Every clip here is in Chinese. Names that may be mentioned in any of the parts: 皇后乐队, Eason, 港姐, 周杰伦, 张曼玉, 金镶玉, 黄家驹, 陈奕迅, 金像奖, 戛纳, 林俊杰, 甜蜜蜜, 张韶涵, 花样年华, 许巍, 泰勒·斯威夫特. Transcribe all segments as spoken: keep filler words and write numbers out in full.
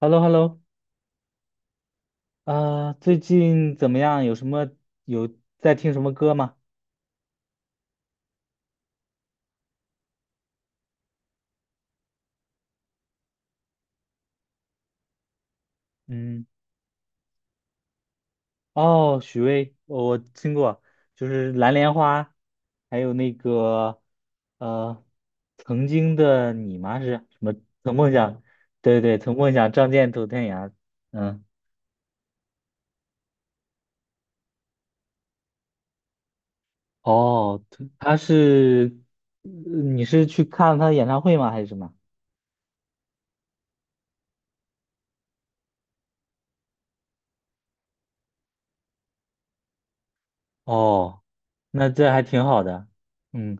h e l l o h e l l o 啊，最近怎么样？有什么有在听什么歌吗？嗯，哦，许巍，我我听过，就是《蓝莲花》，还有那个呃，曾经的你吗？是什么？曾梦想，对对，曾梦想，仗剑走天涯。嗯，哦，他是，呃你是去看他的演唱会吗？还是什么？哦，那这还挺好的。嗯。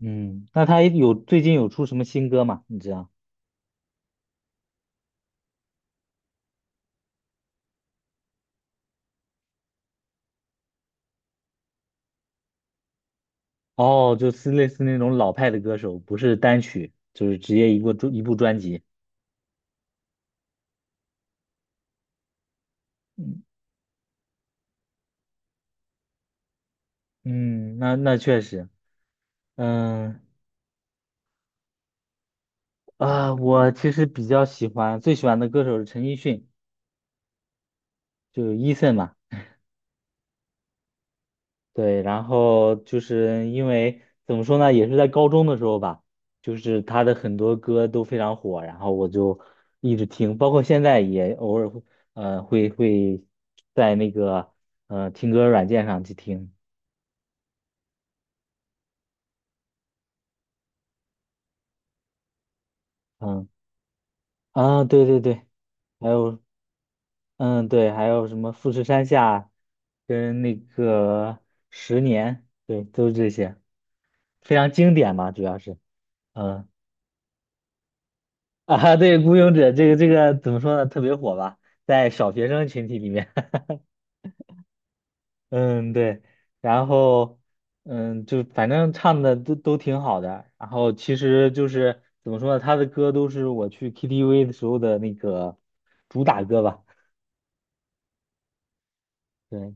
嗯，那他有最近有出什么新歌吗？你知道？哦，就是类似那种老派的歌手，不是单曲，就是直接一个专一部专辑。嗯嗯，那那确实，嗯啊，我其实比较喜欢，最喜欢的歌手是陈奕迅，就是 Eason 嘛。对，然后就是因为怎么说呢，也是在高中的时候吧，就是他的很多歌都非常火，然后我就一直听，包括现在也偶尔会，呃，会会在那个呃听歌软件上去听，嗯啊，对对对，还有嗯对，还有什么富士山下跟那个十年，对，都是这些非常经典嘛，主要是嗯。啊，对，《孤勇者》这个这个怎么说呢？特别火吧，在小学生群体里面。嗯，对。然后，嗯，就反正唱的都都挺好的。然后其实就是怎么说呢？他的歌都是我去 K T V 的时候的那个主打歌吧。对，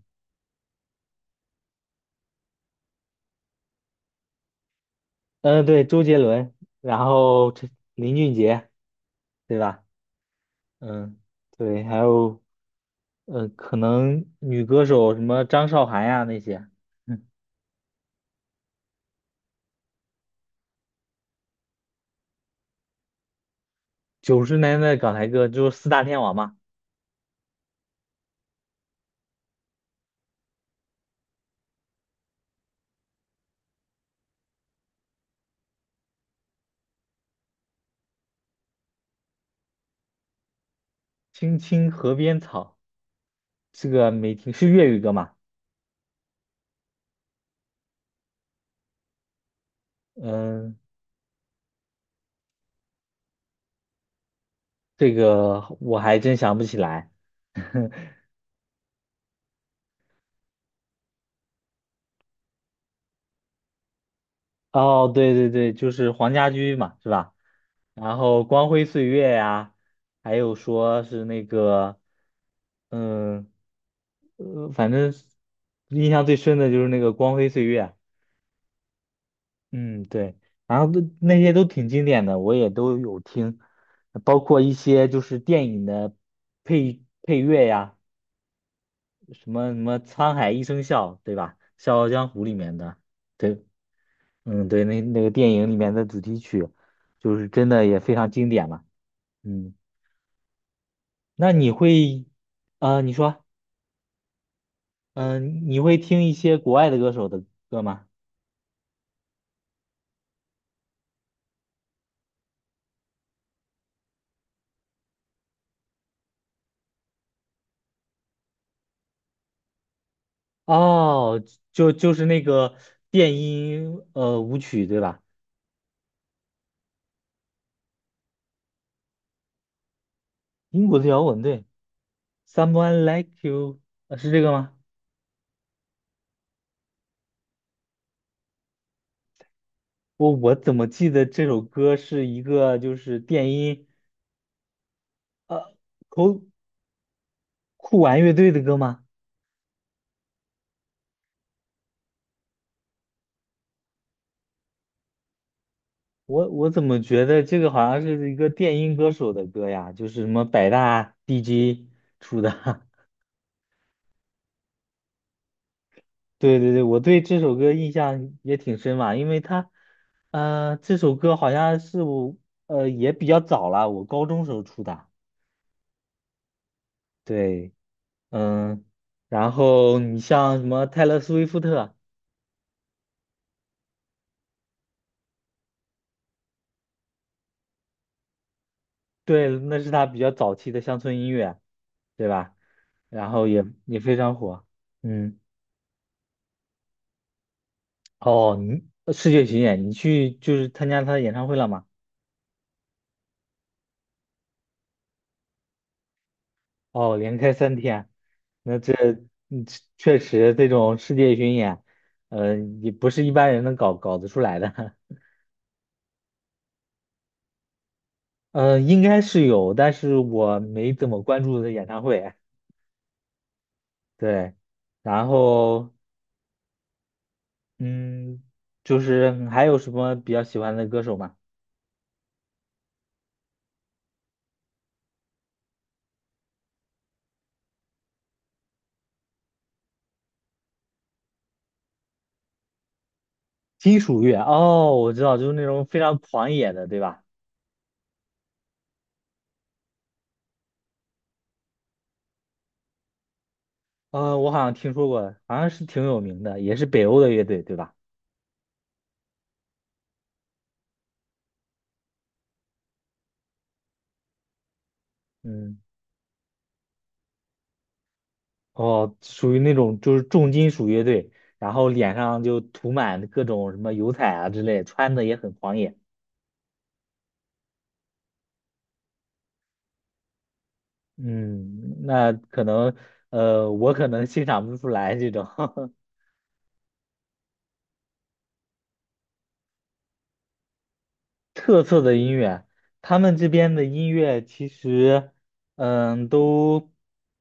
嗯，对，周杰伦，然后这林俊杰，对吧？嗯，对，还有嗯，可能女歌手什么张韶涵呀那些。九十年代港台歌就是四大天王嘛，《青青河边草》这个没听，是粤语歌嘛？嗯，这个我还真想不起来。哦，对对对，就是黄家驹嘛，是吧？然后《光辉岁月》呀，还有说是那个，嗯，呃，反正印象最深的就是那个《光辉岁月》。嗯，对，然后都那些都挺经典的，我也都有听，包括一些就是电影的配配乐呀，什么什么《沧海一声笑》，对吧？《笑傲江湖》里面的，对，嗯，对，那那个电影里面的主题曲，就是真的也非常经典嘛。嗯，那你会，呃，你说，嗯、你会听一些国外的歌手的歌吗？哦，就就是那个电音呃舞曲，对吧？英国的摇滚，对。Someone Like You，呃是这个吗？我我怎么记得这首歌是一个就是电音酷酷玩乐队的歌吗？我我怎么觉得这个好像是一个电音歌手的歌呀？就是什么百大 D J 出的。对对对，我对这首歌印象也挺深嘛，因为它，呃，这首歌好像是我，呃，也比较早了，我高中时候出的。对，嗯，然后你像什么泰勒·斯威夫特。对，那是他比较早期的乡村音乐，对吧？然后也也非常火。嗯，哦，你呃世界巡演，你去就是参加他的演唱会了吗？哦，连开三天，那这嗯确实这种世界巡演，呃，也不是一般人能搞搞得出来的。呃，应该是有，但是我没怎么关注的演唱会。对，然后嗯，就是还有什么比较喜欢的歌手吗？金属乐哦，我知道，就是那种非常狂野的，对吧？呃，我好像听说过，好像是挺有名的，也是北欧的乐队，对吧？嗯，哦，属于那种就是重金属乐队，然后脸上就涂满各种什么油彩啊之类，穿的也很狂野。嗯，那可能呃，我可能欣赏不出来这种。特色的音乐，他们这边的音乐其实，嗯，都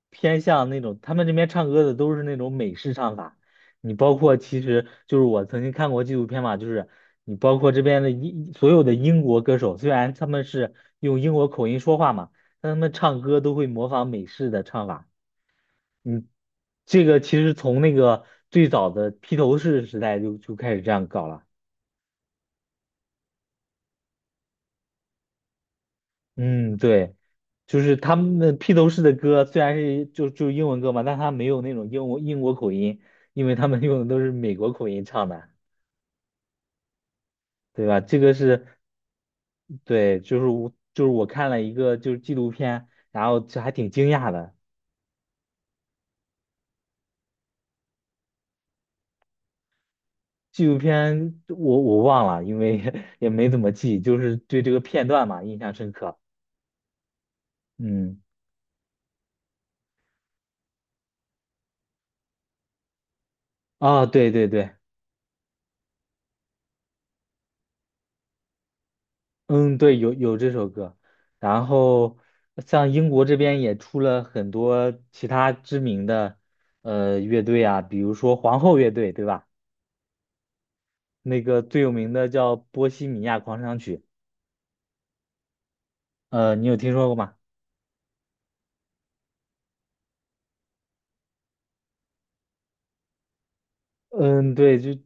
偏向那种，他们这边唱歌的都是那种美式唱法。你包括其实就是我曾经看过纪录片嘛，就是你包括这边的英所有的英国歌手，虽然他们是用英国口音说话嘛，但他们唱歌都会模仿美式的唱法。嗯，这个其实从那个最早的披头士时代就就开始这样搞了。嗯，对，就是他们的披头士的歌虽然是就就英文歌嘛，但他没有那种英国英国口音，因为他们用的都是美国口音唱的，对吧？这个是对，就是我就是我看了一个就是纪录片，然后这还挺惊讶的。纪录片我我忘了，因为 也没怎么记，就是对这个片段嘛印象深刻。嗯，啊，对对对。嗯，对，有有这首歌，然后像英国这边也出了很多其他知名的呃乐队啊，比如说皇后乐队，对吧？那个最有名的叫《波西米亚狂想曲》，呃，你有听说过吗？嗯，对，就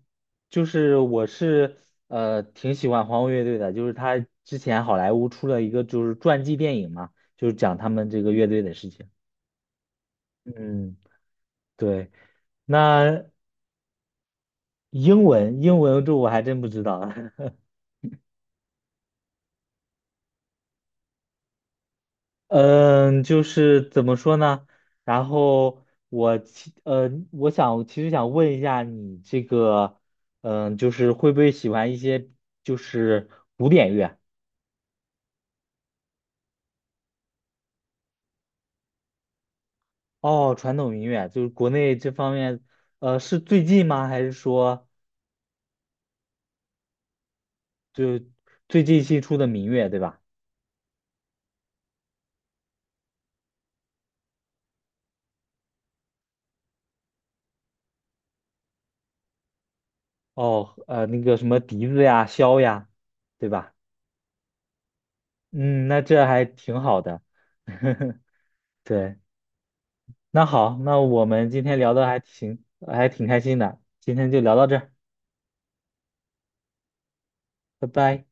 就是我是呃挺喜欢皇后乐队的，就是他之前好莱坞出了一个就是传记电影嘛，就是讲他们这个乐队的事情。嗯，对，那英文英文这我还真不知道。嗯，就是怎么说呢？然后我其呃，我想其实想问一下你这个，嗯，就是会不会喜欢一些就是古典乐？哦，传统民乐，就是国内这方面，呃，是最近吗？还是说就最近新出的民乐，对吧？哦，呃，那个什么笛子呀、箫呀，对吧？嗯，那这还挺好的，对。那好，那我们今天聊的还挺还挺开心的，今天就聊到这儿拜拜。